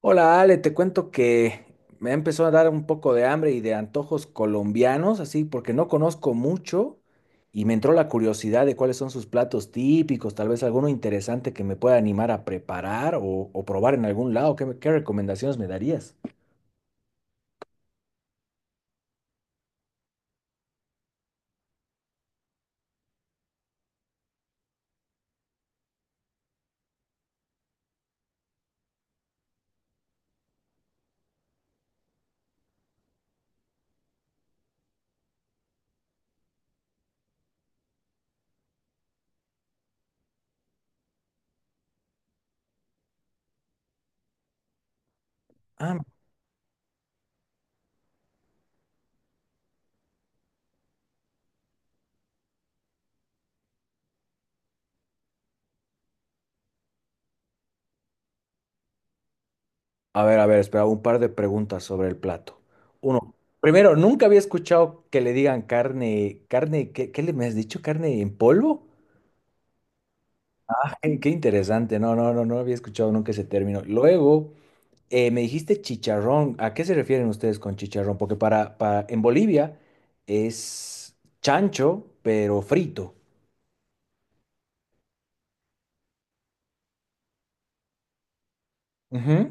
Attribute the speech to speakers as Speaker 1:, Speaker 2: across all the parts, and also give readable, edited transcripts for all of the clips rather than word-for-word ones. Speaker 1: Hola Ale, te cuento que me empezó a dar un poco de hambre y de antojos colombianos, así porque no conozco mucho y me entró la curiosidad de cuáles son sus platos típicos, tal vez alguno interesante que me pueda animar a preparar o probar en algún lado. ¿ qué recomendaciones me darías? Ah, a ver, espera, un par de preguntas sobre el plato. Uno, primero, nunca había escuchado que le digan carne, ¿qué le me has dicho? ¿Carne en polvo? Ay, qué interesante, no, no, no, no había escuchado nunca ese término. Luego… me dijiste chicharrón. ¿A qué se refieren ustedes con chicharrón? Porque para en Bolivia es chancho, pero frito. Ujú.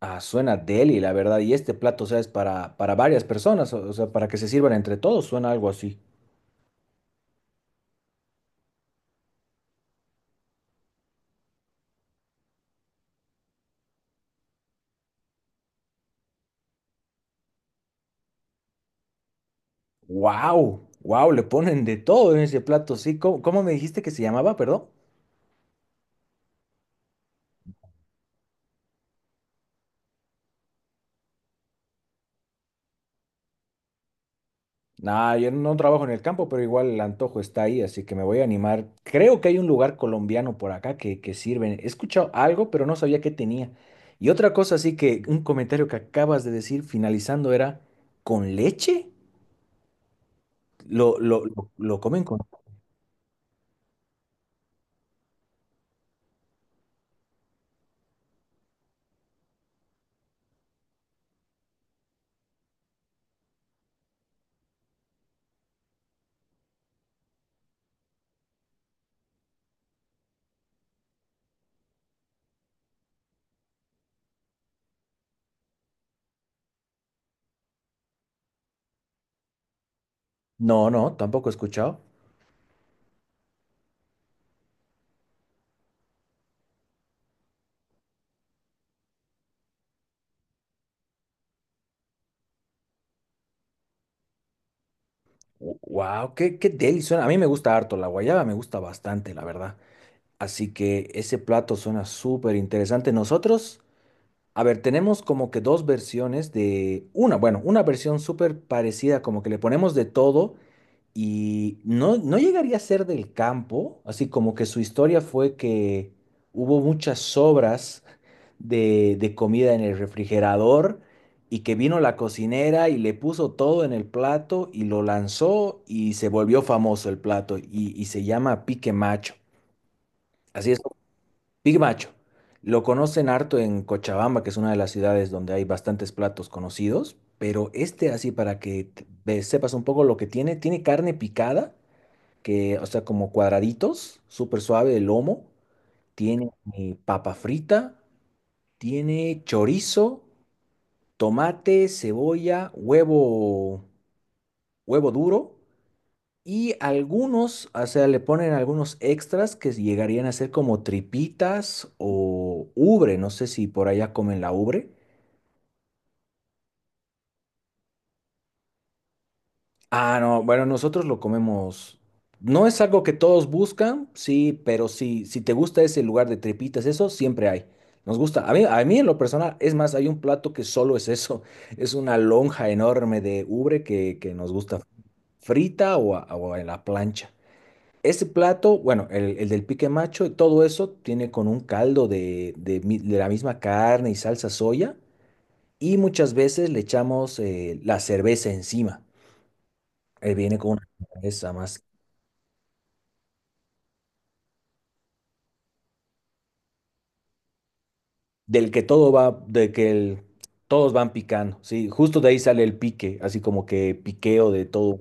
Speaker 1: Ah, suena deli, la verdad. Y este plato, o sea, es para varias personas, o sea, para que se sirvan entre todos, suena algo así. ¡Wow! ¡Wow! Le ponen de todo en ese plato, sí. ¿Cómo, cómo me dijiste que se llamaba, perdón? Nah, yo no trabajo en el campo, pero igual el antojo está ahí, así que me voy a animar. Creo que hay un lugar colombiano por acá que sirven. He escuchado algo, pero no sabía qué tenía. Y otra cosa, así que un comentario que acabas de decir finalizando era, ¿con leche? ¿Lo comen con…? No, no, tampoco he escuchado. Wow, qué, qué deli suena. A mí me gusta harto, la guayaba me gusta bastante, la verdad. Así que ese plato suena súper interesante. Nosotros… A ver, tenemos como que dos versiones de una, bueno, una versión súper parecida, como que le ponemos de todo y no, no llegaría a ser del campo, así como que su historia fue que hubo muchas sobras de comida en el refrigerador y que vino la cocinera y le puso todo en el plato y lo lanzó y se volvió famoso el plato y se llama Pique Macho. Así es Big Macho. Lo conocen harto en Cochabamba, que es una de las ciudades donde hay bastantes platos conocidos, pero este así para que sepas un poco lo que tiene, tiene carne picada, que, o sea, como cuadraditos, súper suave el lomo, tiene papa frita, tiene chorizo, tomate, cebolla, huevo, huevo duro y algunos, o sea, le ponen algunos extras que llegarían a ser como tripitas o ubre. No sé si por allá comen la ubre. Ah, no, bueno, nosotros lo comemos. No es algo que todos buscan, sí, pero sí, si te gusta ese lugar de tripitas, eso siempre hay. Nos gusta. A mí en lo personal, es más, hay un plato que solo es eso. Es una lonja enorme de ubre que nos gusta frita o en la plancha. Ese plato, bueno, el del pique macho, todo eso tiene con un caldo de de la misma carne y salsa soya y muchas veces le echamos la cerveza encima. Viene con una cerveza más, del que todo va, todos van picando, ¿sí? Justo de ahí sale el pique, así como que piqueo de todo.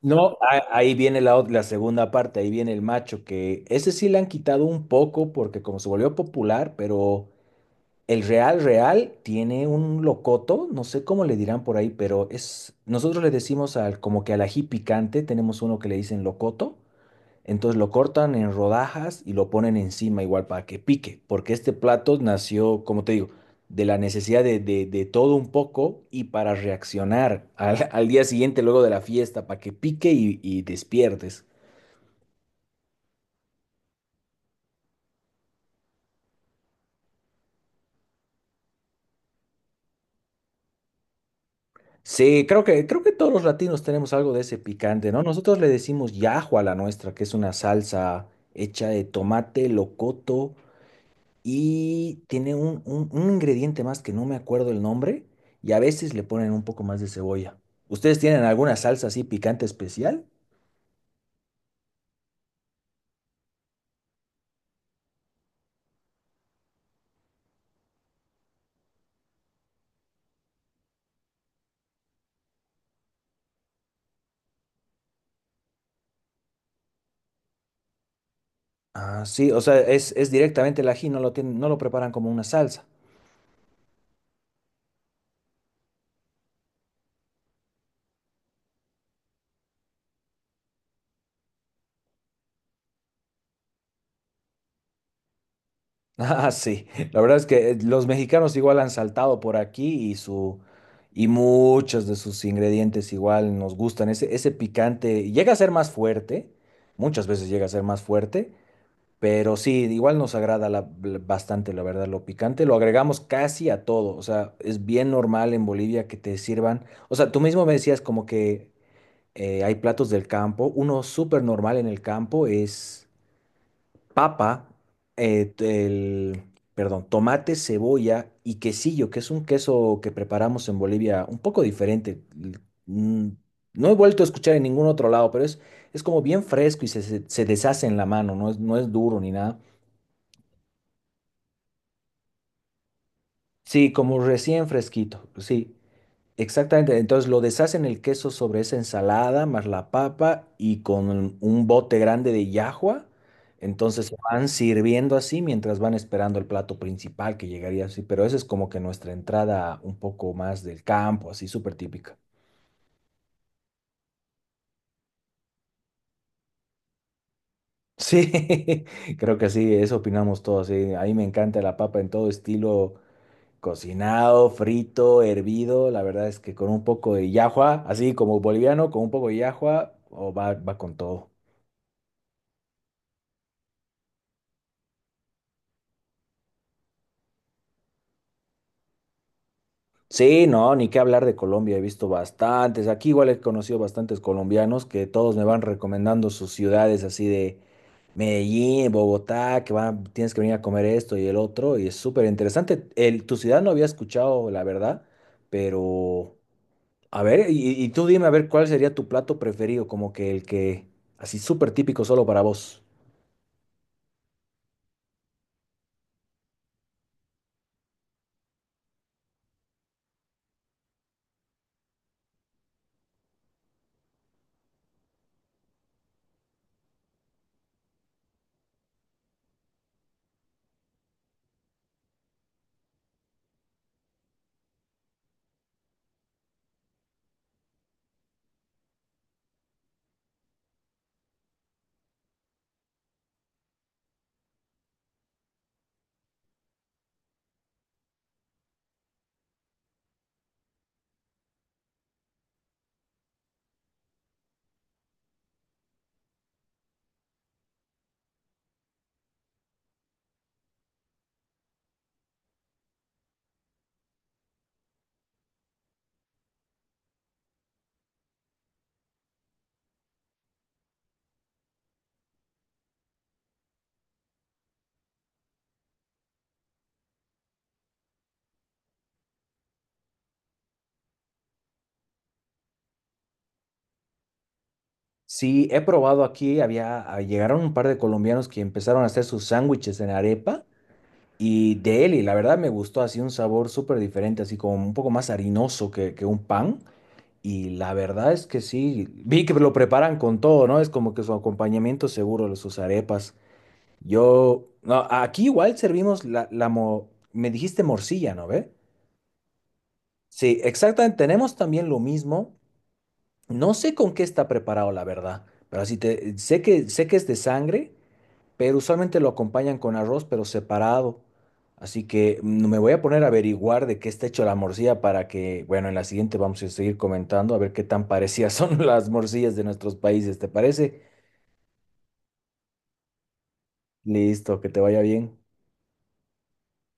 Speaker 1: No, ahí viene la segunda parte, ahí viene el macho, que ese sí le han quitado un poco porque como se volvió popular, pero… El Real Real tiene un locoto, no sé cómo le dirán por ahí, pero es, nosotros le decimos al, como que al ají picante, tenemos uno que le dicen locoto, entonces lo cortan en rodajas y lo ponen encima igual para que pique, porque este plato nació, como te digo, de la necesidad de todo un poco y para reaccionar al, al día siguiente luego de la fiesta, para que pique y despiertes. Sí, creo que todos los latinos tenemos algo de ese picante, ¿no? Nosotros le decimos yajo a la nuestra, que es una salsa hecha de tomate, locoto y tiene un ingrediente más que no me acuerdo el nombre y a veces le ponen un poco más de cebolla. ¿Ustedes tienen alguna salsa así picante especial? Ah, sí, o sea, es directamente el ají, no lo tienen, no lo preparan como una salsa. Ah, sí. La verdad es que los mexicanos igual han saltado por aquí y su y muchos de sus ingredientes igual nos gustan. Ese picante llega a ser más fuerte, muchas veces llega a ser más fuerte, pero sí, igual nos agrada bastante, la verdad, lo picante. Lo agregamos casi a todo. O sea, es bien normal en Bolivia que te sirvan. O sea, tú mismo me decías como que hay platos del campo. Uno súper normal en el campo es papa, eh, t- el, perdón, tomate, cebolla y quesillo, que es un queso que preparamos en Bolivia un poco diferente. Mm, No he vuelto a escuchar en ningún otro lado, pero es como bien fresco y se deshace en la mano, no es, no es duro ni nada. Sí, como recién fresquito, sí. Exactamente, entonces lo deshacen el queso sobre esa ensalada, más la papa y con un bote grande de llajua. Entonces se van sirviendo así mientras van esperando el plato principal que llegaría así, pero esa es como que nuestra entrada un poco más del campo, así súper típica. Sí, creo que sí, eso opinamos todos, sí. A mí me encanta la papa en todo estilo, cocinado, frito, hervido. La verdad es que con un poco de llajua, así como boliviano, con un poco de llajua, o va, va con todo. Sí, no, ni qué hablar de Colombia, he visto bastantes. Aquí igual he conocido bastantes colombianos que todos me van recomendando sus ciudades así de Medellín, Bogotá, que van, tienes que venir a comer esto y el otro, y es súper interesante. El, tu ciudad no había escuchado, la verdad, pero a ver, y tú dime a ver cuál sería tu plato preferido, como que el que así súper típico solo para vos. Sí, he probado aquí, había, ah, llegaron un par de colombianos que empezaron a hacer sus sándwiches en arepa. Y de él, y la verdad me gustó así un sabor súper diferente, así como un poco más harinoso que un pan. Y la verdad es que sí, vi que lo preparan con todo, ¿no? Es como que su acompañamiento seguro, los sus arepas. Yo, no, aquí igual servimos me dijiste morcilla, ¿no ve? Sí, exactamente, tenemos también lo mismo. No sé con qué está preparado, la verdad, pero así te, sé que es de sangre pero usualmente lo acompañan con arroz, pero separado. Así que mm, me voy a poner a averiguar de qué está hecho la morcilla para que, bueno, en la siguiente vamos a seguir comentando a ver qué tan parecidas son las morcillas de nuestros países, ¿te parece? Listo, que te vaya bien.